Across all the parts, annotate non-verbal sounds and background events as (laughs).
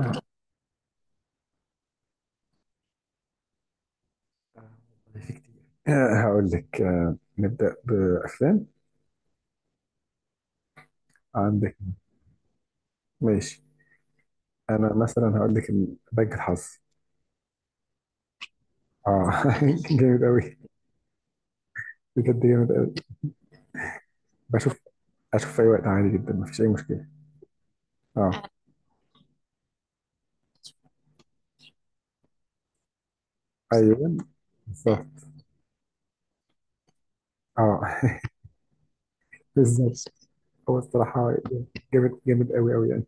آه، آه، والله في كتير. هقول لك، نبدأ بأفلام. عندك. ماشي. أنا مثلا هقول لك بنك الحظ. آه، (laughs) جامد أوي. بجد جامد أوي. بشوف. أشوف في أي وقت، عادي جدا، مفيش أي مشكلة. آه، انا بصراحة. أيوه، بالظبط. آه، (laughs) بالظبط. هو الصراحة جامد جامد أوي أوي يعني.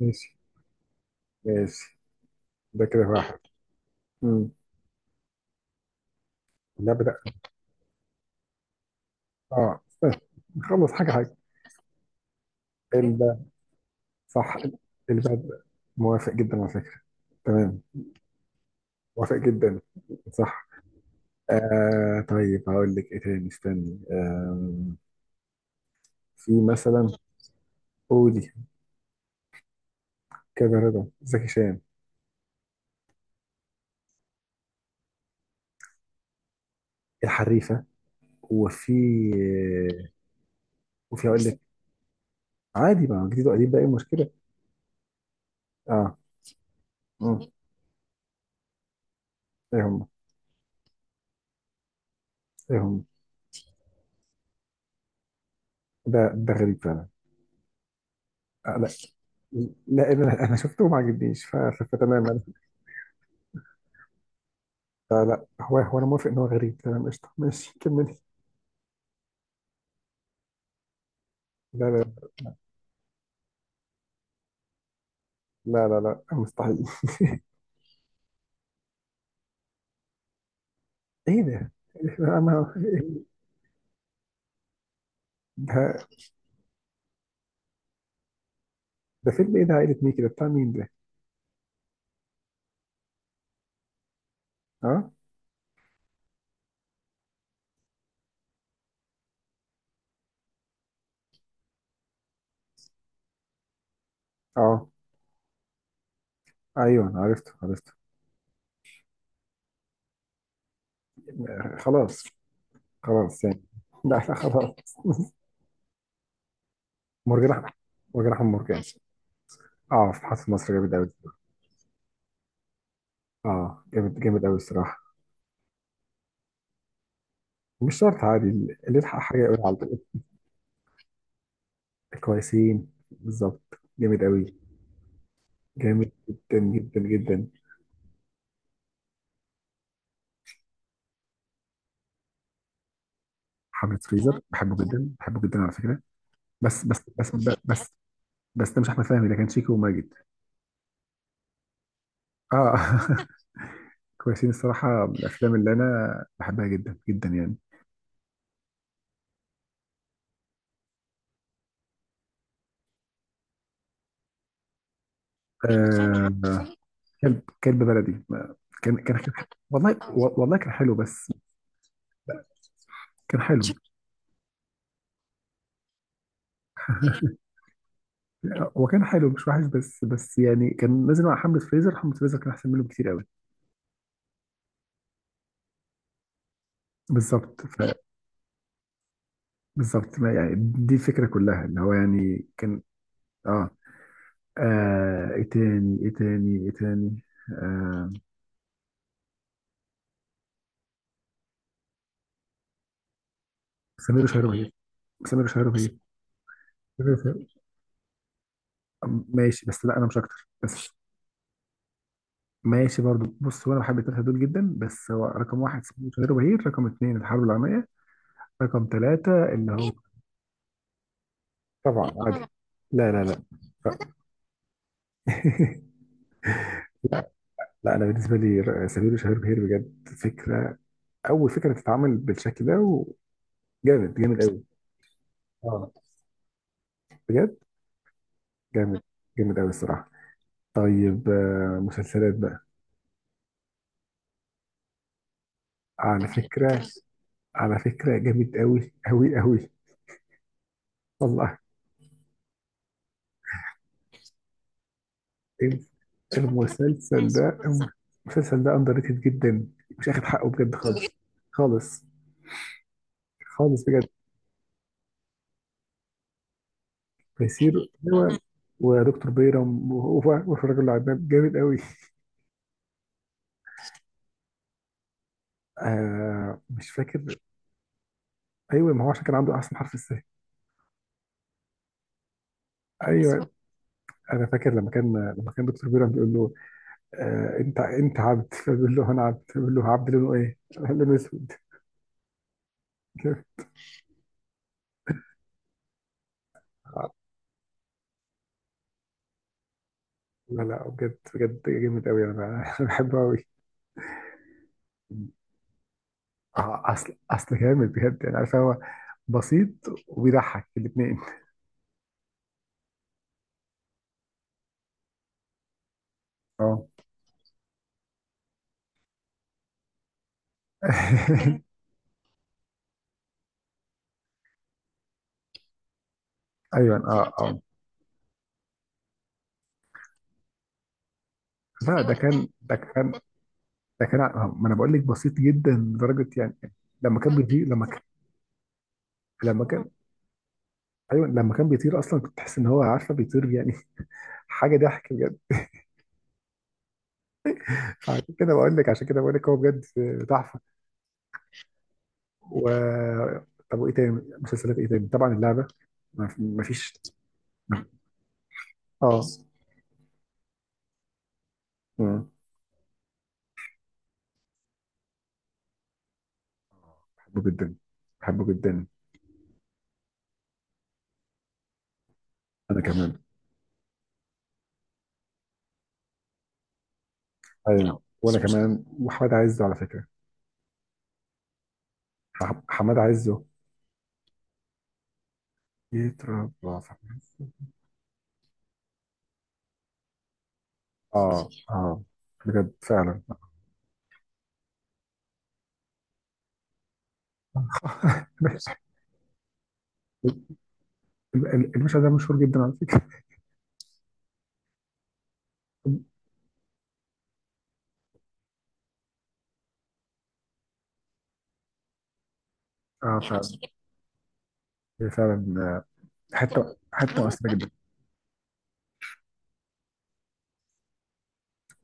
ماشي، ماشي. ده كده واحد. مم. لا، بدأ. آه، استنى. نخلص حاجة حاجة. ال- صح. اللي بعد، موافق جدا على فكرة. تمام. موافق جدا. صح. آه، طيب هقول لك ايه تاني. استني، في مثلا. قولي. كذا رضا زكي شان. الحريفه. وفي، آه، وفي هقول لك. عادي، ما هو جديد وقديم، بقى ايه المشكله؟ اه. مم. ايه هم؟ ايه هم؟ ده غريب فعلا. آه، لا. لا، انا شفته وما عجبنيش فتمام انا. لا، لا، هو انا موافق ان هو غريب، تمام، قشطه، ماشي كملي. لا، لا، لا، لا، لا، مستحيل. (laughs) ايه ده؟ ما- ما- ده فيلم ايه؟ ده عائلة ميكي، ده بتاع مين ده؟ اه، اه، ايوه أنا عرفته عرفته. آه، خلاص. خلاص يعني. (laughs) لا، لا، خلاص. (laughs) مرجان أحمد- مرجان احمد مرجان. اه، في حرس مصر، جامد قوي. اه، جامد جامد قوي الصراحه. مش شرط، عادي اللي يلحق حاجه يقول على طول. كويسين، بالظبط، جامد قوي. جامد جدا جدا جدا. حملة فريزر بحبه جدا، بحبه جدا على فكره. بس، بس، بس، بس، بس، بس ده مش احمد فهمي، ده كان شيكو وماجد. اه. (laughs) كويسين الصراحة من الأفلام اللي أنا بحبها جدا جدا يعني. آه، كلب بلدي. كان والله. والله كان حلو بس. كان حلو. هو كان حلو، مش وحش، بس بس يعني كان نازل مع حملة فريزر. حملة فريزر كان أحسن منه بكتير قوي. بالظبط ف. بالظبط، ما يعني دي الفكرة كلها، اللي هو يعني كان. آه إيه تاني؟ إيه تاني؟ إيه تاني؟ آه. سمير وشهير وبهير. سمير وشهير وبهير. سمير وشهير- ماشي، بس لا أنا مش أكتر بس. ماشي برضو. بص، هو انا بحب الثلاثه دول جدا، بس هو رقم واحد سمير غير بهير، رقم اثنين الحرب العالميه، رقم ثلاثه اللي هو طبعا عادل، طبعا. لا، لا، لا. (laughs) لا، لا، انا بالنسبه لي سمير وشهير بهير بجد فكره. اول فكره تتعمل بالشكل ده، وجامد جامد قوي. اه بجد، جامد جامد قوي الصراحه. طيب، مسلسلات بقى. على فكره، على فكره جامد قوي قوي قوي. والله. المسلسل ده المسلسل ده اندر ريتد جدا. مش اخد حقه بجد بجد خالص. بجد؟ خالص. خالص بجد. تيسير، هو ودكتور بيرم وهو، وفي الراجل العناب جامد قوي. آه، مش فاكر. ايوه، ما هو عشان كان عنده احسن حرف السه. مظبوط، ايوه. انا فاكر لما كان دكتور بيرم بيقول له: آه، انت عبد، فبيقول له انا عبد، فبيقول له: عبد لونه ايه؟ (laughs) لونه اسود. لا، لا، بجد بجد جامد قوي، انا بحبه قوي. اه، اصل جامد بجد يعني. عارف، هو بسيط، وبيضحك الاثنين. اه. (laughs) ايوه، اه، اه. لا، ده كان ده كان ما انا بقول لك بسيط جدا لدرجه يعني. لما كان بيطير، لما كان، ايوه، لما كان بيطير اصلا كنت تحس ان هو عارفه بيطير يعني. (laughs) حاجه ضحك بجد. عشان كده بقول لك هو بجد تحفه. و، طب وايه تاني؟ مسلسلات ايه تاني؟ طبعا اللعبه. ما فيش. اه. مم. بحبه جدا. بحبه جدا. انا كمان. ايوه، وانا كمان. وحماد عزه على فكره. حماد عزه يتربى في عزه. اه، اه بجد، فعلا. المشهد ده مشهور جدا على فكره. اه، فعلا. هي فعلا، آه، حته حته مؤثره جدا.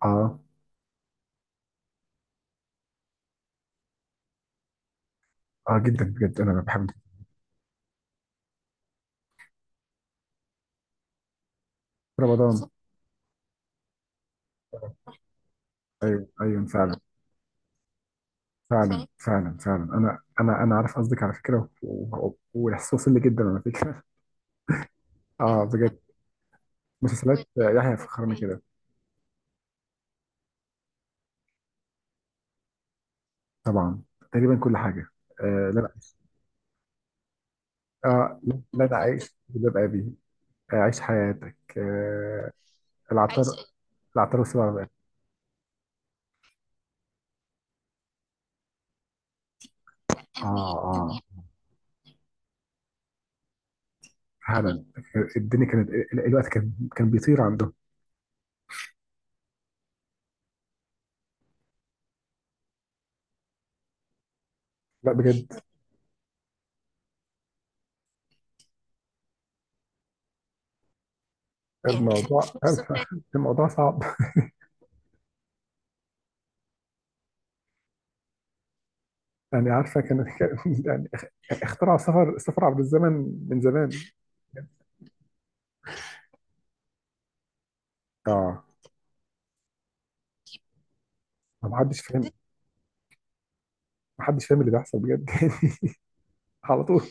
اه، اه، جدا بجد. انا بحب رمضان. ايوه، ايوه، فعلا فعلا فعلا فعلا، انا عارف قصدك على فكره، والاحساس وصل لي جدا على فكره. (laughs) اه بجد. مسلسلات، يحيى فخراني كده. طبعا، تقريبا كل حاجه. آه، لا، لا. اه، لا، انا عايش ببقى بيه. عيش حياتك، عايش العطار، عايش. العطار والسبع بنات. قوي، اه، قوي، اه، قوي. فعلا، أمين. الدنيا كانت، الوقت كان بيطير عندهم. لا بجد. يعني الموضوع، (laughs) (laughs) ذكريات. الموضوع صعب. يعني، عارفه كان، يعني اختراع السفر عبر الزمن، من زمان. اه. ما حدش فاهم. ما حدش فاهم اللي بيحصل بجد. (laughs) على طول.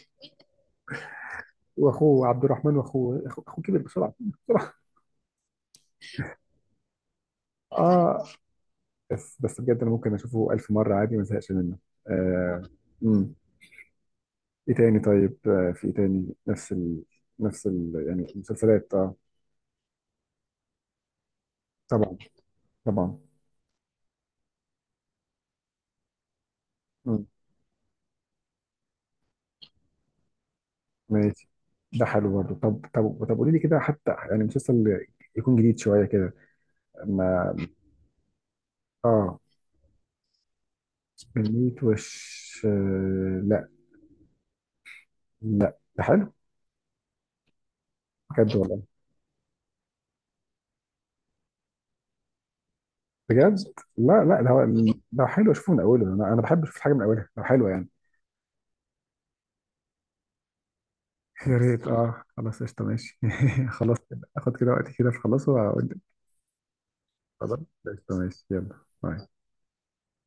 واخوه عبد الرحمن، واخوه اخوه أخوه كبر بسرعه بسرعه. اه. بس بس بجد، انا ممكن اشوفه الف مره عادي، ما ازهقش منه. آه. امم ايه تاني؟ طيب، في ايه تاني نفس ال... نفس يعني المسلسلات. اه، طبعا، طبعا. مم. ماشي. ده حلو برضه. طب، طب، طب، قولي لي كده حتى يعني مسلسل يكون جديد شويه كده. ما اه، بنيت وش؟ آه، لا. لا، ده حلو. بجد والله؟ بجد. لا، لا، ده هو، لو حلو اشوفه من اوله. انا بحب اشوف الحاجه من اولها لو حلوه يعني. يا ريت. اه، خلاص، قشطة، ماشي. (laughs) خلاص كده، اخد كده وقتي كده في، خلاص واقول لك. خلاص، قشطة، ماشي، يلا. باي.